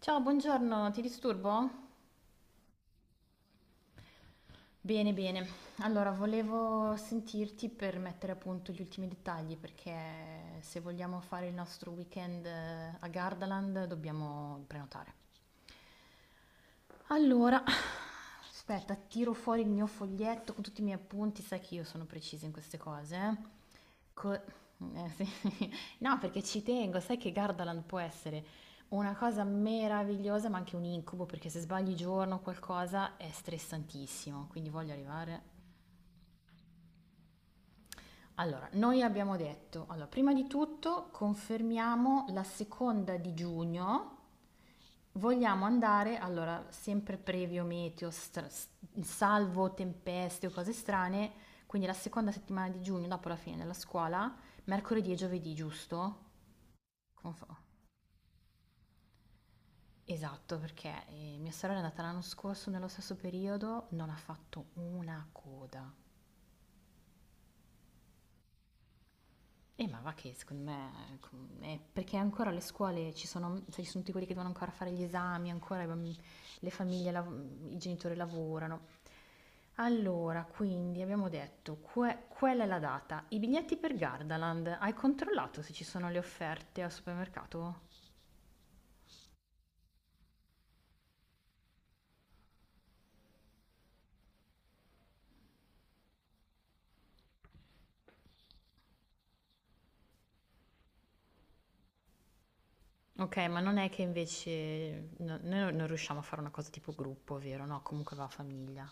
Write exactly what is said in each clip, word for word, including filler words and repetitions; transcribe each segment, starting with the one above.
Ciao, buongiorno, ti disturbo? Bene, bene. Allora, volevo sentirti per mettere a punto gli ultimi dettagli perché se vogliamo fare il nostro weekend eh, a Gardaland dobbiamo prenotare. Allora, aspetta, tiro fuori il mio foglietto con tutti i miei appunti, sai che io sono precisa in queste cose, eh? Co- eh, sì. No, perché ci tengo, sai che Gardaland può essere una cosa meravigliosa, ma anche un incubo, perché se sbagli giorno o qualcosa è stressantissimo, quindi voglio arrivare. Allora, noi abbiamo detto, allora, prima di tutto confermiamo la seconda di giugno, vogliamo andare, allora, sempre previo meteo, str- s- salvo tempeste o cose strane, quindi la seconda settimana di giugno, dopo la fine della scuola, mercoledì e giovedì, giusto? Conf- Esatto, perché eh, mia sorella è andata l'anno scorso nello stesso periodo, non ha fatto una coda. Eh, ma va che secondo me com- è perché ancora le scuole ci sono, sai, ci sono tutti quelli che devono ancora fare gli esami, ancora i bamb- le famiglie, lav- i genitori lavorano. Allora, quindi abbiamo detto, que- quella è la data. I biglietti per Gardaland, hai controllato se ci sono le offerte al supermercato? Ok, ma non è che invece no- noi non non riusciamo a fare una cosa tipo gruppo, vero? No, comunque va a famiglia.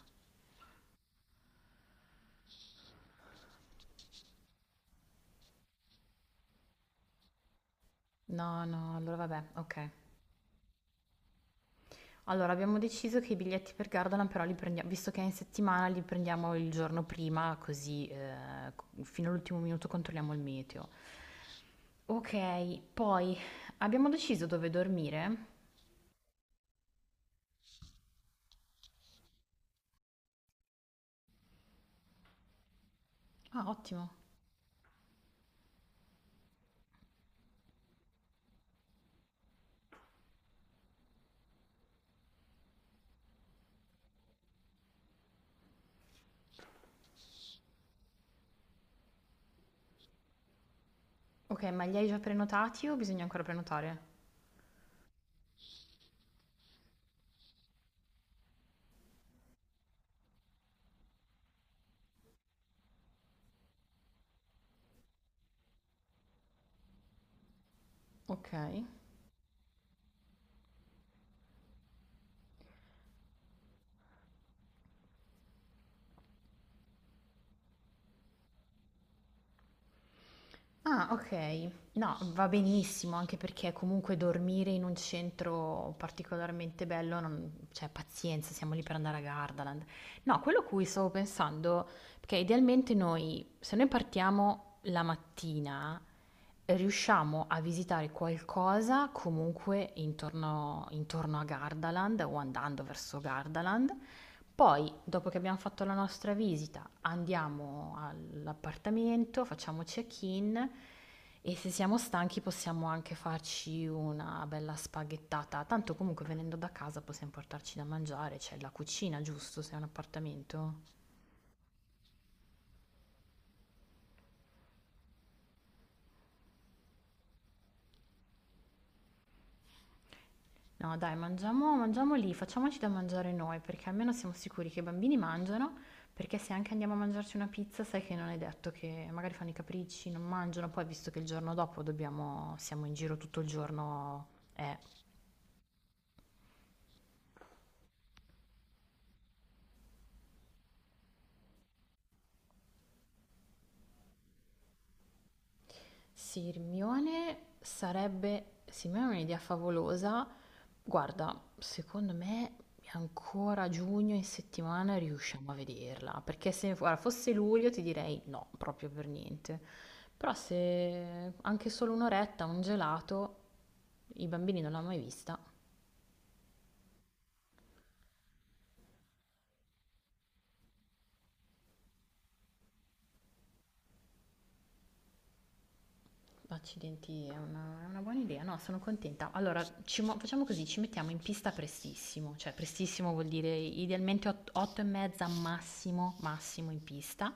No, no, allora vabbè, ok. Allora, abbiamo deciso che i biglietti per Gardaland però li prendiamo, visto che è in settimana, li prendiamo il giorno prima, così eh, co- fino all'ultimo minuto controlliamo il meteo. Ok, poi abbiamo deciso dove dormire? Ah, ottimo. Ok, ma li hai già prenotati o bisogna ancora prenotare? Ok. Ah, ok. No, va benissimo, anche perché comunque dormire in un centro particolarmente bello, non- cioè pazienza, siamo lì per andare a Gardaland. No, quello a cui stavo pensando, perché idealmente noi, se noi partiamo la mattina, riusciamo a visitare qualcosa comunque intorno, intorno a Gardaland o andando verso Gardaland. Poi, dopo che abbiamo fatto la nostra visita, andiamo all'appartamento, facciamo check-in e se siamo stanchi possiamo anche farci una bella spaghettata. Tanto comunque venendo da casa possiamo portarci da mangiare, c'è la cucina, giusto? Se è un appartamento. No, dai, mangiamo, mangiamo lì, facciamoci da mangiare noi, perché almeno siamo sicuri che i bambini mangiano, perché se anche andiamo a mangiarci una pizza, sai che non è detto che magari fanno i capricci, non mangiano, poi visto che il giorno dopo dobbiamo, siamo in giro tutto il giorno, eh. Sì, Hermione sarebbe, sì, ma è un'idea favolosa. Guarda, secondo me ancora giugno in settimana riusciamo a vederla, perché se guarda, fosse luglio ti direi no, proprio per niente. Però se anche solo un'oretta, un gelato, i bambini non l'hanno mai vista. Accidenti, è una, è una buona idea, no, sono contenta. Allora, ci mo- facciamo così, ci mettiamo in pista prestissimo, cioè prestissimo vuol dire idealmente otto e mezza massimo, massimo in pista,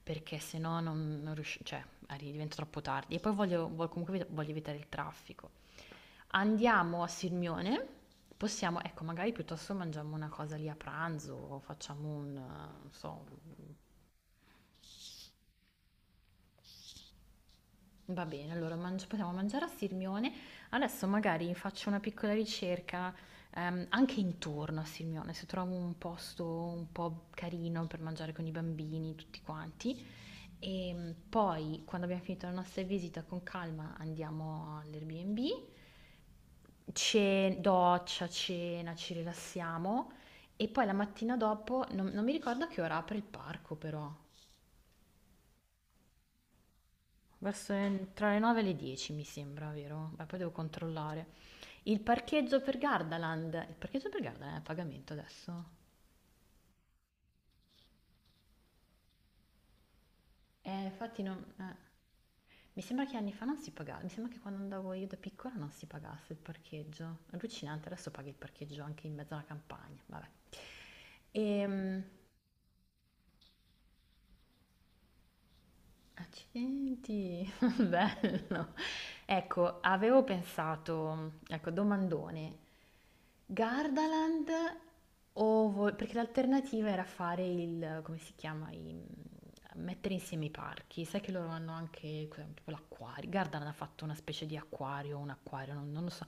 perché se no non, non riusci- cioè, arri- diventa troppo tardi. E poi voglio, voglio- comunque evit- voglio evitare il traffico. Andiamo a Sirmione, possiamo, ecco, magari piuttosto mangiamo una cosa lì a pranzo, o facciamo un, eh, non so. Va bene, allora mangi- possiamo mangiare a Sirmione. Adesso magari faccio una piccola ricerca ehm, anche intorno a Sirmione, se trovo un posto un po' carino per mangiare con i bambini, tutti quanti. E mm, poi, quando abbiamo finito la nostra visita, con calma andiamo all'Airbnb, ce- doccia, cena, ci rilassiamo. E poi la mattina dopo, non, non mi ricordo a che ora apre il parco però. Verso le- tra le nove e le dieci mi sembra, vero? Beh, poi devo controllare. Il parcheggio per Gardaland, il parcheggio per Gardaland è a pagamento adesso? Eh, infatti non. Eh. Mi sembra che anni fa non si pagava, mi sembra che quando andavo io da piccola non si pagasse il parcheggio. Allucinante, adesso paghi il parcheggio anche in mezzo alla campagna, vabbè. Ehm, Accidenti, bello. Ecco, avevo pensato, ecco, domandone, Gardaland o vo- perché l'alternativa era fare il, come si chiama, i- mettere insieme i parchi. Sai che loro hanno anche cos'è, tipo l'acquario. Gardaland ha fatto una specie di acquario, un acquario, non, non lo so.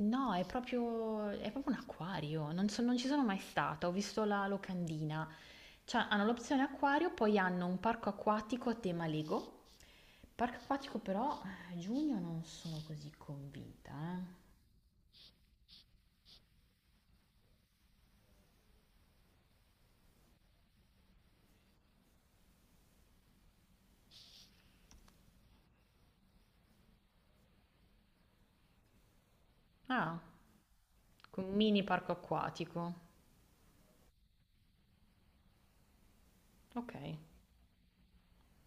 No, è proprio, è proprio un acquario, non, so- non ci sono mai stata, ho visto la locandina, cioè, hanno l'opzione acquario, poi hanno un parco acquatico a tema Lego. Parco acquatico però, eh, giugno non sono così convinta, eh. Ah, un mini parco acquatico. Ok.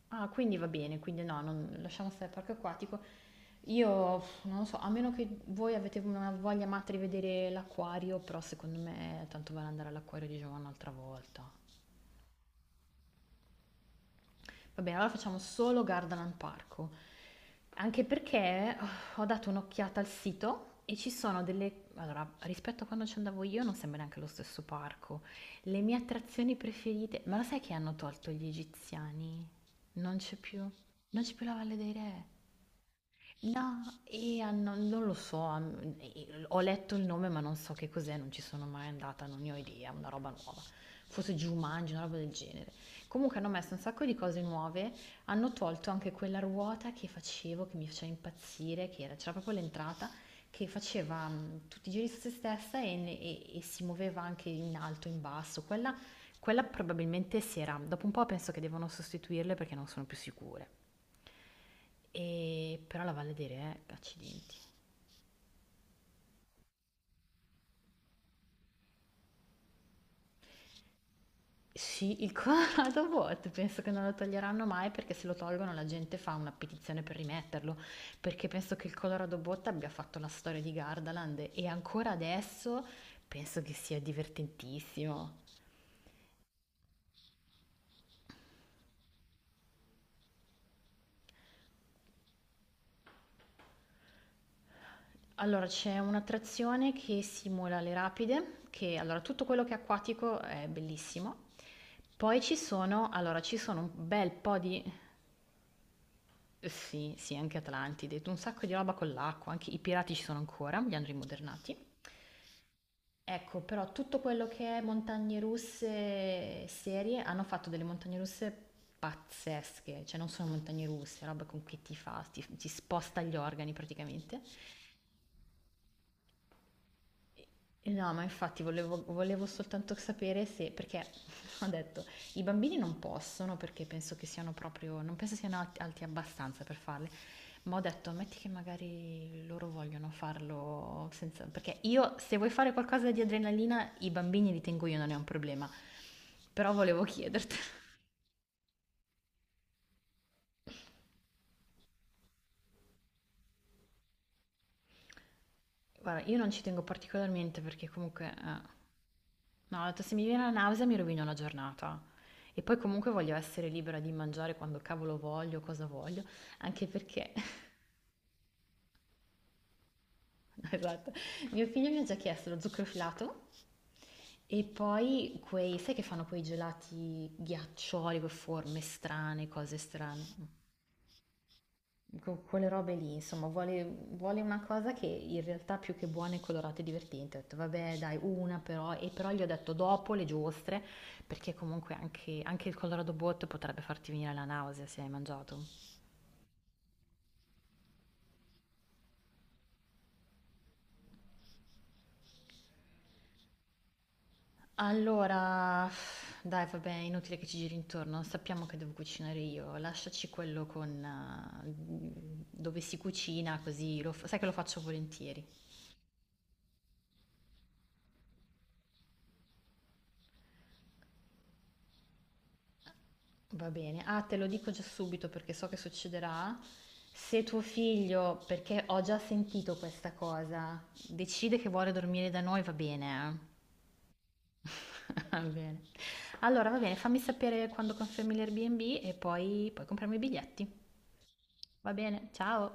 Ah, quindi va bene, quindi no, non- lasciamo stare il parco acquatico. Io pff, non lo so, a meno che voi avete una voglia matta di vedere l'acquario, però secondo me tanto vale andare all'acquario di Giovanna un'altra volta. Va bene, allora facciamo solo Gardaland Parco. Anche perché oh, ho dato un'occhiata al sito e ci sono delle. Allora, rispetto a quando ci andavo io non sembra neanche lo stesso parco. Le mie attrazioni preferite. Ma lo sai che hanno tolto gli egiziani? Non c'è più. Non c'è più la Valle dei Re. No, e hanno- non non lo so, am- e- ho letto il nome ma non so che cos'è, non ci sono mai andata, non ne ho idea, una roba nuova. Forse Jumanji, una roba del genere. Comunque hanno messo un sacco di cose nuove, hanno tolto anche quella ruota che facevo, che mi faceva impazzire, che era- c'era proprio l'entrata, che faceva mm, tutti i giri su se stessa e, ne- e- e si muoveva anche in alto, in basso. Quella, quella probabilmente si era, dopo un po' penso che devono sostituirle perché non sono più sicure. E- Però la Valle dei Re, accidenti. Sì, il Colorado Bot penso che non lo toglieranno mai perché se lo tolgono la gente fa una petizione per rimetterlo, perché penso che il Colorado Bot abbia fatto la storia di Gardaland e ancora adesso penso che sia divertentissimo. Allora, c'è un'attrazione che simula le rapide, che allora tutto quello che è acquatico è bellissimo. Poi ci sono, allora, ci sono un bel po' di. Sì, sì, anche Atlantide, un sacco di roba con l'acqua, anche i pirati ci sono ancora, li hanno rimodernati. Ecco, però tutto quello che è montagne russe serie hanno fatto delle montagne russe pazzesche, cioè non sono montagne russe, roba con che ti fa, ti, ti sposta gli organi praticamente. Eh no, ma infatti volevo, volevo soltanto sapere se, perché ho detto, i bambini non possono perché penso che siano proprio, non penso siano alt- alti, abbastanza per farle, ma ho detto, ammetti che magari loro vogliono farlo senza, perché io se vuoi fare qualcosa di adrenalina, i bambini li tengo io, non è un problema, però volevo chiederti. Guarda, io non ci tengo particolarmente perché comunque eh, No, ho detto, se mi viene la nausea mi rovino la giornata. E poi comunque voglio essere libera di mangiare quando cavolo voglio, cosa voglio, anche perché, esatto, mio figlio mi ha già chiesto lo zucchero filato e poi quei, sai che fanno quei gelati ghiaccioli con forme strane, cose strane? Mm. Co- quelle robe lì, insomma, vuole, vuole una cosa che in realtà più che buona è colorata e divertente. Ho detto, vabbè, dai, una però, e però gli ho detto dopo le giostre, perché comunque anche, anche il Colorado Bot potrebbe farti venire la nausea se hai mangiato. Allora, dai, vabbè, è inutile che ci giri intorno, sappiamo che devo cucinare io, lasciaci quello con eh, dove si cucina, così lo fa- sai che lo faccio volentieri. Va bene, ah, te lo dico già subito perché so che succederà. Se tuo figlio, perché ho già sentito questa cosa, decide che vuole dormire da noi, va bene. Eh? Va bene. Allora, va bene, fammi sapere quando confermi l'Airbnb e poi, poi compriamo i biglietti. Va bene, ciao.